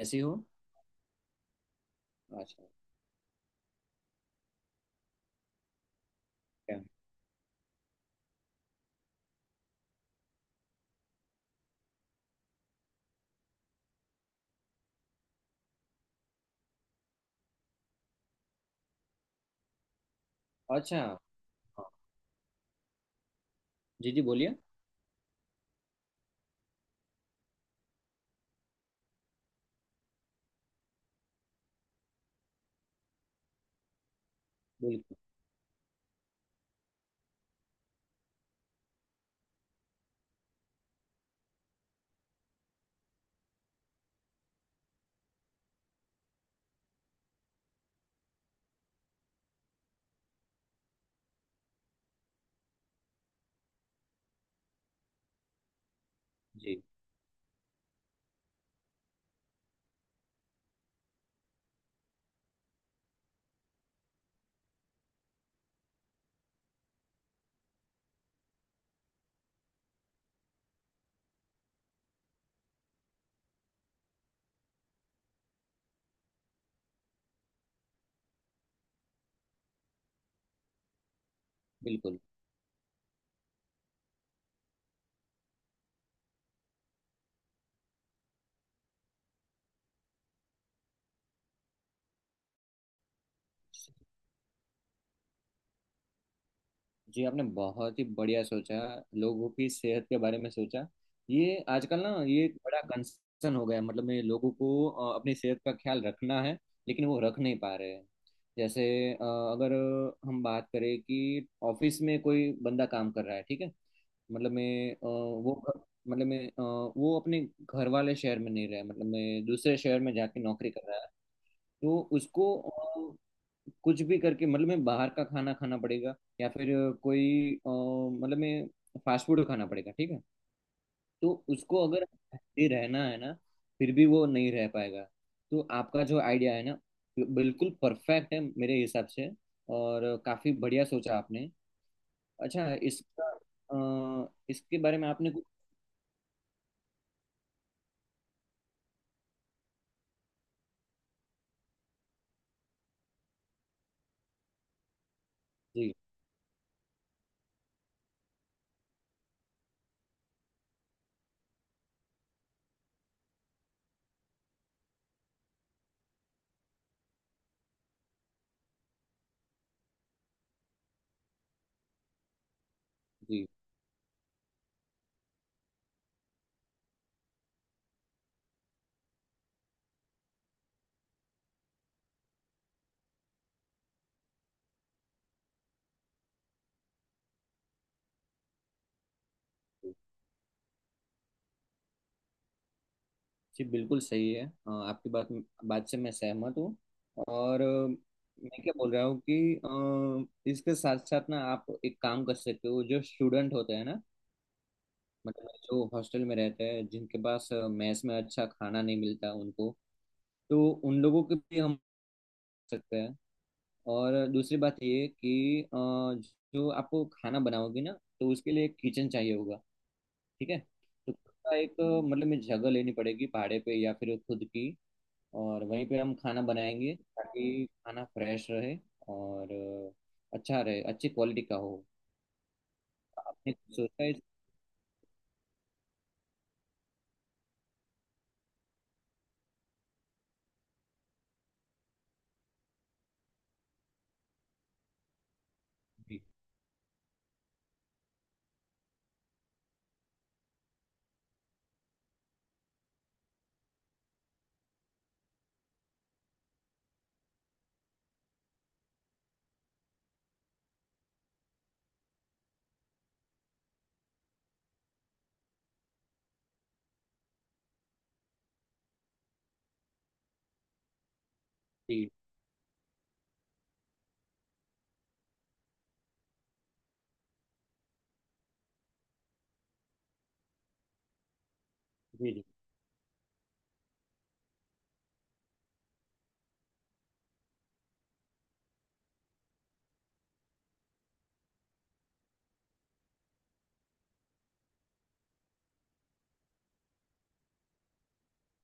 ऐसी हो। अच्छा। क्या? अच्छा, हाँ। जी जी, बोलिए। बिल्कुल। जी। बिल्कुल। जी, आपने बहुत ही बढ़िया सोचा। लोगों की सेहत के बारे में सोचा। ये आजकल ना, ये एक बड़ा कंसर्न हो गया। मतलब मैं लोगों को अपनी सेहत का ख्याल रखना है। लेकिन वो रख नहीं पा रहे हैं। जैसे अगर हम बात करें कि ऑफिस में कोई बंदा काम कर रहा है, ठीक है। मतलब मैं वो, मतलब मैं वो अपने घर वाले शहर में नहीं रहा, मतलब मैं दूसरे शहर में जाके नौकरी कर रहा है। तो उसको कुछ भी करके मतलब मैं बाहर का खाना खाना पड़ेगा। या फिर कोई मतलब मैं फास्ट फूड खाना पड़ेगा, ठीक है। तो उसको अगर हेल्दी रहना है ना, फिर भी वो नहीं रह पाएगा। तो आपका जो आइडिया है ना, बिल्कुल परफेक्ट है मेरे हिसाब से। और काफी बढ़िया सोचा आपने। अच्छा, इसके बारे में आपने कुछ। जी। जी। जी बिल्कुल सही है। आपकी बात बात से मैं सहमत हूँ। और मैं क्या बोल रहा हूँ कि इसके साथ साथ ना, आप एक काम कर सकते हो। जो स्टूडेंट होते हैं ना, मतलब जो हॉस्टल में रहते हैं, जिनके पास मेस में अच्छा खाना नहीं मिलता उनको, तो उन लोगों के भी हम सकते हैं। और दूसरी बात ये कि जो आपको खाना बनाओगे ना, तो उसके लिए एक किचन चाहिए होगा, ठीक है। तो उसका एक मतलब में जगह लेनी पड़ेगी भाड़े पे या फिर खुद की। और वहीं पे हम खाना बनाएंगे ताकि खाना फ्रेश रहे और अच्छा रहे, अच्छी क्वालिटी का हो। आपने कुछ सोचा है? जी। जी। जी। जी।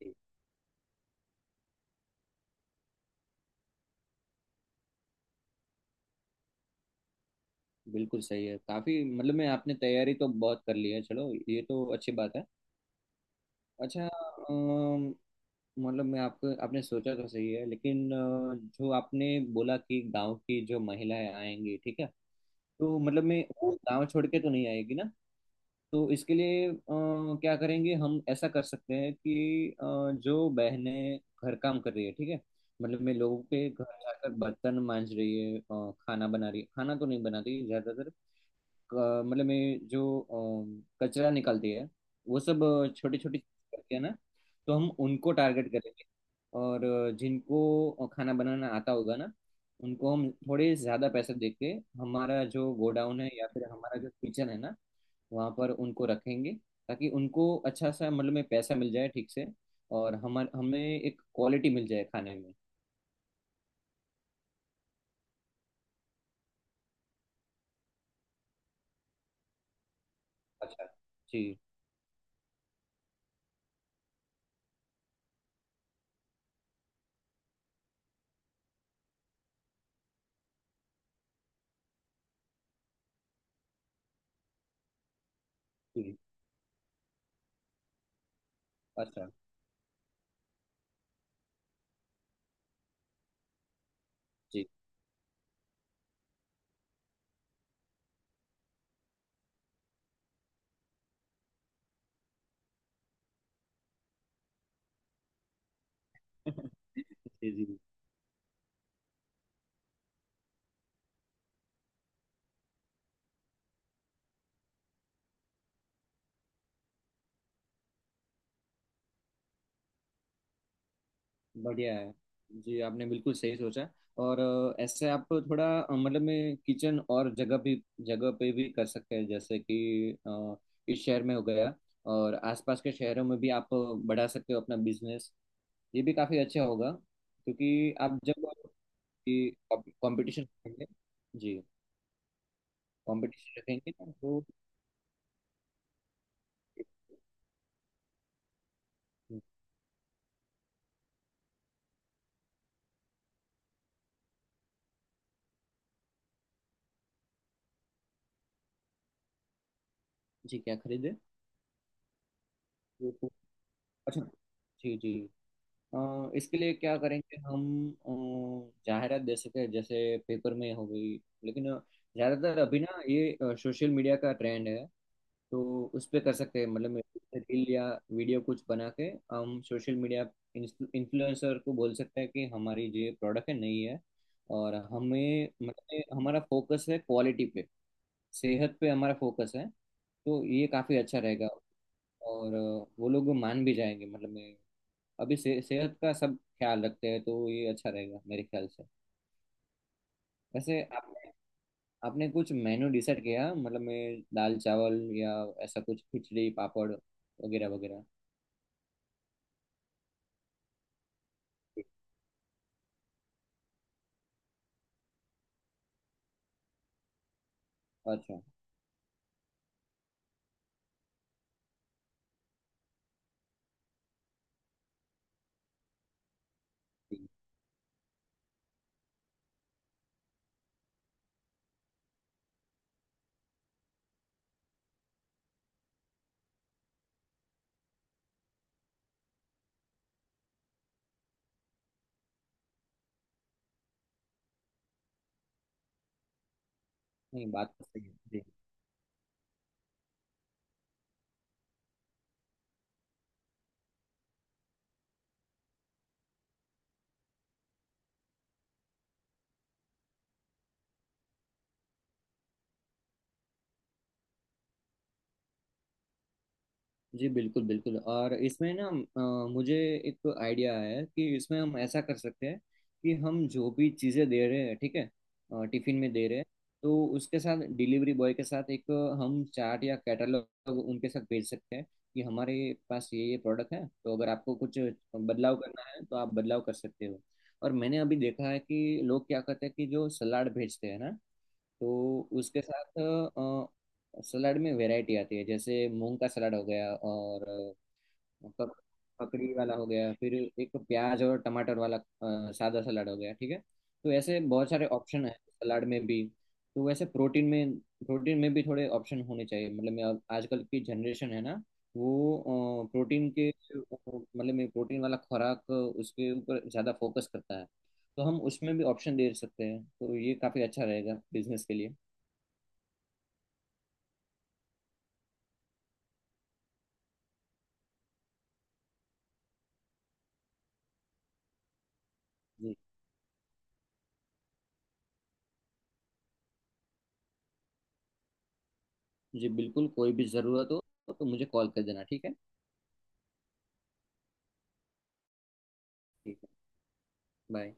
जी, बिल्कुल सही है। काफ़ी मतलब मैं आपने तैयारी तो बहुत कर ली है, चलो ये तो अच्छी बात है। अच्छा। अम, मतलब मैं आपको, आपने सोचा तो सही है, लेकिन जो आपने बोला कि गांव की जो महिलाएं आएंगी, ठीक है। तो मतलब मैं वो गांव छोड़ के तो नहीं आएगी ना। तो इसके लिए क्या करेंगे हम? ऐसा कर सकते हैं कि जो बहनें घर काम कर रही है, ठीक है। मतलब मैं लोगों के घर जाकर बर्तन मांज रही है, खाना बना रही है, खाना तो नहीं बनाती ज्यादातर। मतलब में जो कचरा निकलती है वो सब छोटी छोटी करती है ना। तो हम उनको टारगेट करेंगे। और जिनको खाना बनाना आता होगा ना, उनको हम थोड़े ज़्यादा पैसे दे के हमारा जो गोडाउन है या फिर हमारा जो किचन है ना, वहाँ पर उनको रखेंगे। ताकि उनको अच्छा सा मतलब में पैसा मिल जाए ठीक से, और हम हमें एक क्वालिटी मिल जाए खाने में। अच्छा। जी जी। अच्छा। जी। जी जी। बढ़िया है। जी आपने बिल्कुल सही सोचा। और ऐसे आप थोड़ा मतलब में किचन और जगह भी, जगह पे भी कर सकते हैं, जैसे कि इस शहर में हो गया और आसपास के शहरों में भी आप बढ़ा सकते हो अपना बिजनेस। ये भी काफ़ी अच्छा होगा क्योंकि आप जब कंपटीशन रखेंगे। जी। कंपटीशन रखेंगे ना तो। जी। क्या खरीदे? अच्छा। जी जी। इसके लिए क्या करेंगे हम? जाहिरात दे सके जैसे पेपर में हो गई, लेकिन ज्यादातर अभी ना, ये सोशल मीडिया का ट्रेंड है। तो उस पे कर सकते हैं, मतलब रील या वीडियो कुछ बना के हम सोशल मीडिया इन्फ्लुएंसर को बोल सकते हैं कि हमारी जो ये प्रोडक्ट है नई है, और हमें मतलब हमारा फोकस है क्वालिटी पे, सेहत पे हमारा फोकस है, तो ये काफ़ी अच्छा रहेगा। और वो लोग मान भी जाएंगे, मतलब अभी से, सेहत का सब ख्याल रखते हैं, तो ये अच्छा रहेगा मेरे ख्याल से। वैसे आपने आपने कुछ मेनू डिसाइड किया, मतलब मैं दाल चावल या ऐसा कुछ, खिचड़ी पापड़ वगैरह वगैरह? अच्छा। ठीक। नहीं, बात तो सही है जी। जी बिल्कुल बिल्कुल। और इसमें ना मुझे एक आइडिया आया है कि इसमें हम ऐसा कर सकते हैं कि हम जो भी चीज़ें दे रहे हैं, ठीक है, टिफिन में दे रहे हैं। तो उसके साथ डिलीवरी बॉय के साथ एक हम चार्ट या कैटलॉग उनके साथ भेज सकते हैं कि हमारे पास ये प्रोडक्ट है, तो अगर आपको कुछ बदलाव करना है तो आप बदलाव कर सकते हो। और मैंने अभी देखा है कि लोग क्या करते हैं कि जो सलाड भेजते हैं ना, तो उसके साथ सलाद में वैरायटी आती है, जैसे मूंग का सलाद हो गया और पक- पकड़ी वाला हो गया, फिर एक प्याज और टमाटर वाला सादा सलाद हो गया, ठीक है। तो ऐसे बहुत सारे ऑप्शन है सलाद में भी। तो वैसे प्रोटीन में भी थोड़े ऑप्शन होने चाहिए। मतलब मैं आजकल की जनरेशन है ना, वो प्रोटीन के, मतलब मैं प्रोटीन वाला खुराक उसके ऊपर ज़्यादा फोकस करता है। तो हम उसमें भी ऑप्शन दे सकते हैं, तो ये काफ़ी अच्छा रहेगा बिजनेस के लिए। जी। जी बिल्कुल, कोई भी ज़रूरत हो तो मुझे कॉल कर देना, ठीक है। ठीक है। बाय।